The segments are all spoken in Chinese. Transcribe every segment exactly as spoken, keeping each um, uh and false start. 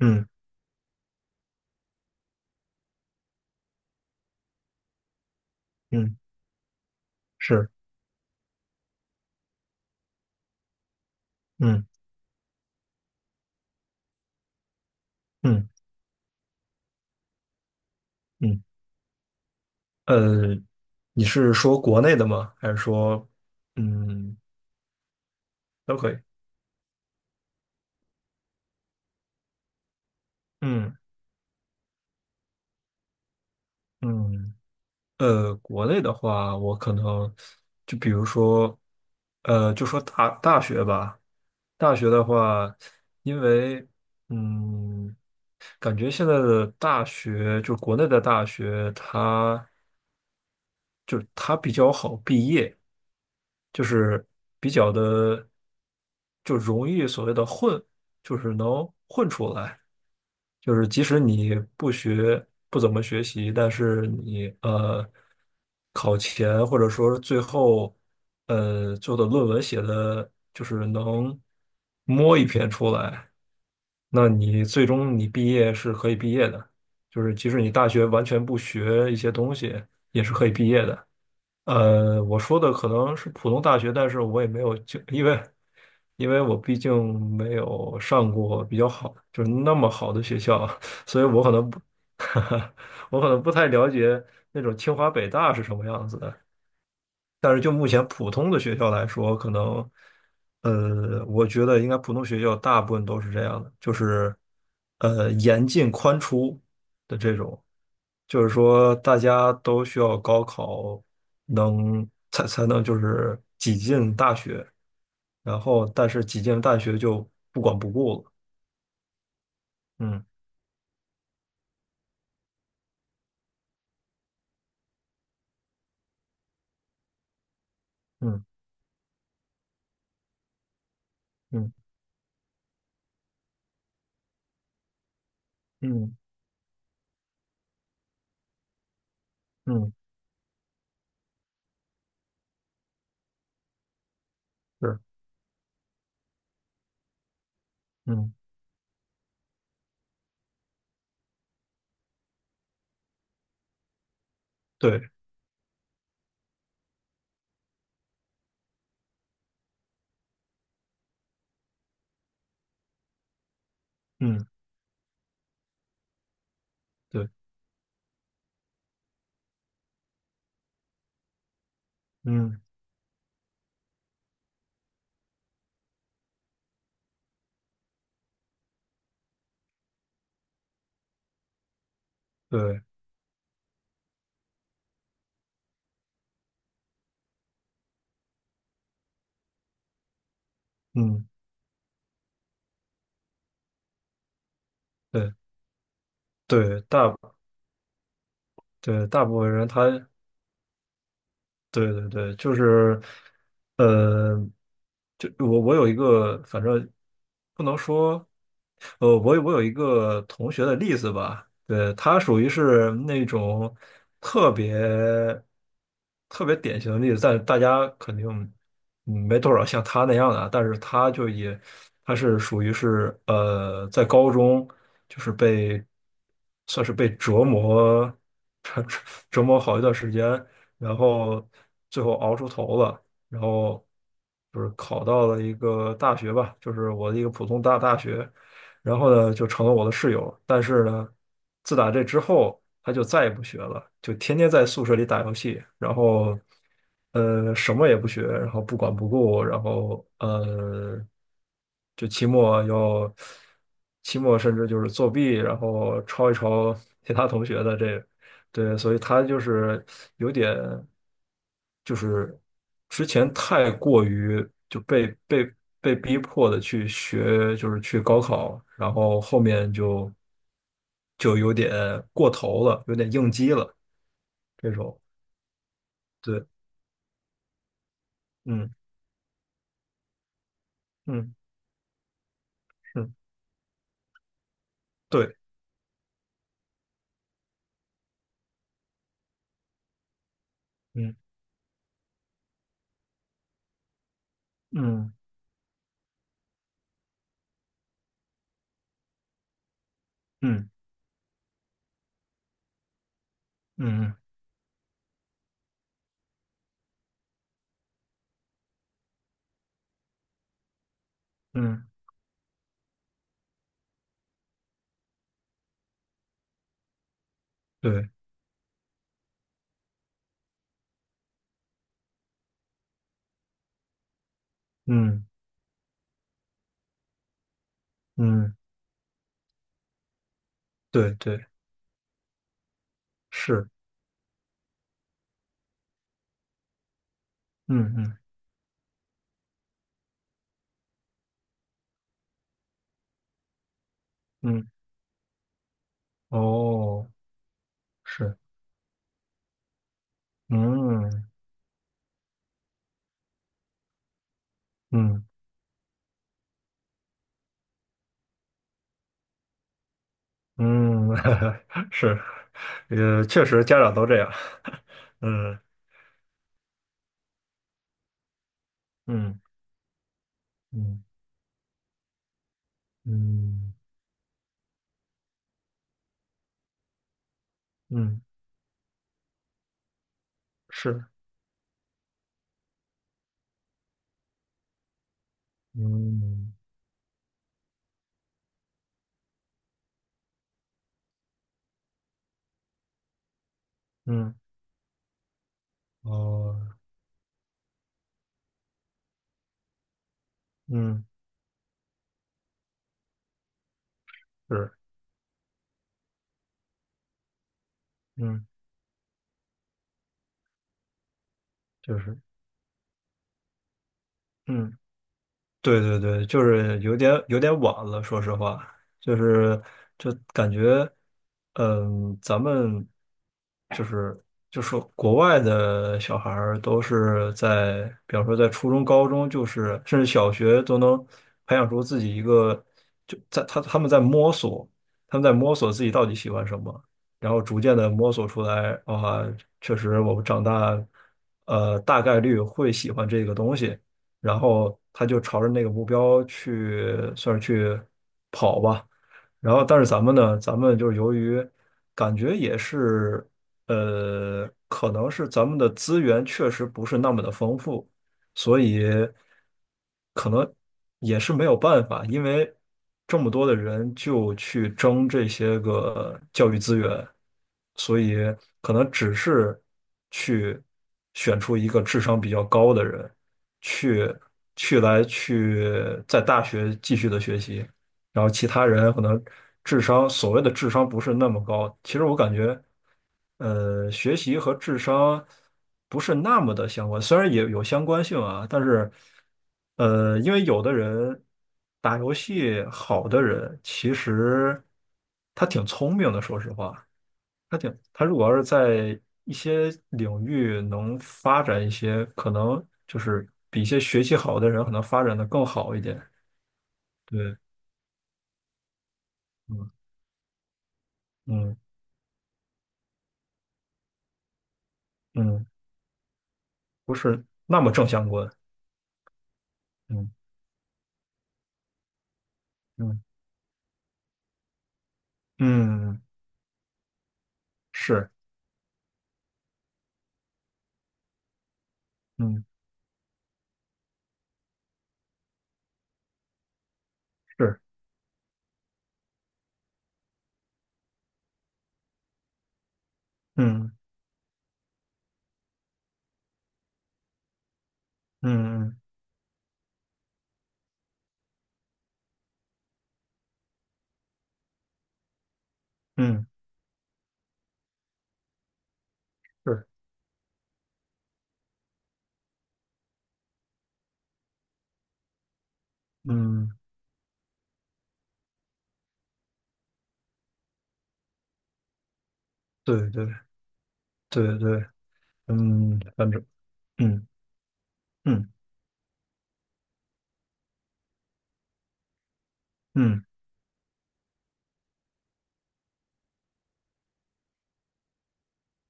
嗯嗯，是，嗯嗯嗯，呃，你是说国内的吗？还是说，嗯，都可以。嗯嗯，呃，国内的话，我可能就比如说，呃，就说大大学吧。大学的话，因为嗯，感觉现在的大学，就国内的大学，它就是它比较好毕业，就是比较的就容易所谓的混，就是能混出来。就是即使你不学，不怎么学习，但是你呃考前或者说最后呃做的论文写的就是能摸一篇出来，那你最终你毕业是可以毕业的。就是即使你大学完全不学一些东西，也是可以毕业的。呃，我说的可能是普通大学，但是我也没有就因为因为我毕竟没有上过比较好，就是那么好的学校啊，所以我可能不，我可能不太了解那种清华北大是什么样子的。但是就目前普通的学校来说，可能，呃，我觉得应该普通学校大部分都是这样的，就是，呃，严进宽出的这种，就是说大家都需要高考能才才能就是挤进大学，然后但是挤进大学就不管不顾了，嗯嗯嗯嗯嗯，嗯，是，嗯，对，嗯，对，嗯，对，嗯，对对，大。对，大部分人他，对对对，就是，呃，就我我有一个，反正不能说，呃，我有我有一个同学的例子吧，对，他属于是那种特别特别典型的例子，但是大家肯定嗯没多少像他那样的啊，但是他就也他是属于是呃，在高中就是被算是被折磨 折折磨好一段时间。然后最后熬出头了，然后就是考到了一个大学吧，就是我的一个普通大大学，然后呢就成了我的室友，但是呢，自打这之后他就再也不学了，就天天在宿舍里打游戏，然后呃什么也不学，然后不管不顾，然后呃就期末要期末甚至就是作弊，然后抄一抄其他同学的这对，所以他就是有点，就是之前太过于就被被被逼迫的去学，就是去高考，然后后面就就有点过头了，有点应激了这种。对，嗯嗯嗯，对，嗯嗯嗯嗯嗯，对，嗯嗯，对对，是，嗯嗯嗯，哦，是，嗯嗯。嗯，是，呃，确实家长都这样。嗯嗯嗯嗯嗯，是，嗯嗯，哦，嗯，是，嗯，就是，嗯。对对对，就是有点有点晚了，说实话，就是就感觉，嗯，咱们就是就说国外的小孩儿都是在，比方说在初中、高中，就是甚至小学都能培养出自己一个，就在他他们在摸索，他们在摸索自己到底喜欢什么，然后逐渐的摸索出来，啊，确实我们长大，呃，大概率会喜欢这个东西。然后他就朝着那个目标去，算是去跑吧。然后，但是咱们呢，咱们就是由于感觉也是，呃，可能是咱们的资源确实不是那么的丰富，所以可能也是没有办法，因为这么多的人就去争这些个教育资源，所以可能只是去选出一个智商比较高的人，去去来去在大学继续的学习，然后其他人可能智商，所谓的智商不是那么高。其实我感觉，呃，学习和智商不是那么的相关，虽然也有相关性啊，但是，呃，因为有的人打游戏好的人，其实他挺聪明的，说实话，他挺，他如果要是在一些领域能发展一些，可能就是比一些学习好的人可能发展的更好一点。对，嗯嗯嗯。不是那么正相关。嗯嗯嗯，是，嗯，是，嗯嗯嗯嗯，是，嗯，对对对对，嗯，反正嗯嗯嗯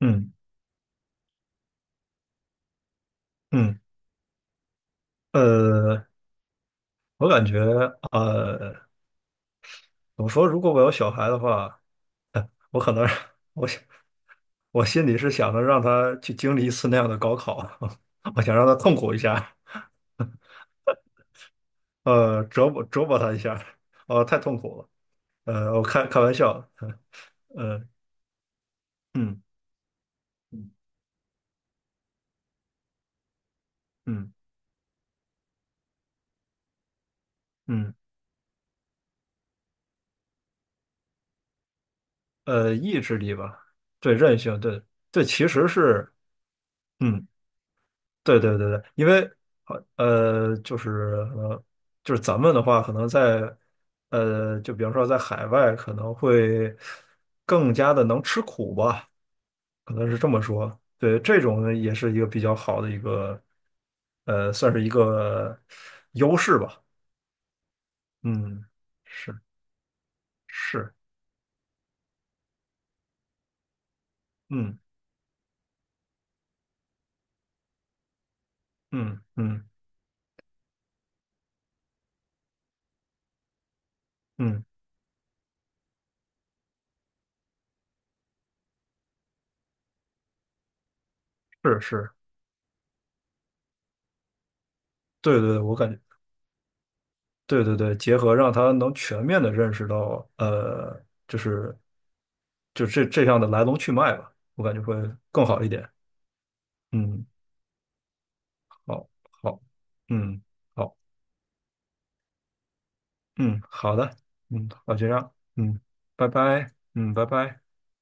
嗯嗯，呃，我感觉呃，怎么说？如果我有小孩的话，我可能 我想我心里是想着让他去经历一次那样的高考，我想让他痛苦一下，呃，折磨折磨他一下，呃，太痛苦了。呃，我开开玩笑，呃，嗯嗯嗯嗯，呃，意志力吧，对，韧性，对对，其实是，嗯，对对对对，因为呃，就是呃，就是咱们的话，可能在呃，就比方说在海外，可能会更加的能吃苦吧，可能是这么说，对，这种也是一个比较好的一个，呃，算是一个优势吧，嗯，是是，嗯。嗯嗯嗯，是是，对对，我感觉对对对，结合让他能全面的认识到，呃，就是就这这样的来龙去脉吧，我感觉会更好一点。嗯，好，好，嗯，好，嗯，好的，嗯，好，就这样，嗯，拜拜，嗯，拜拜。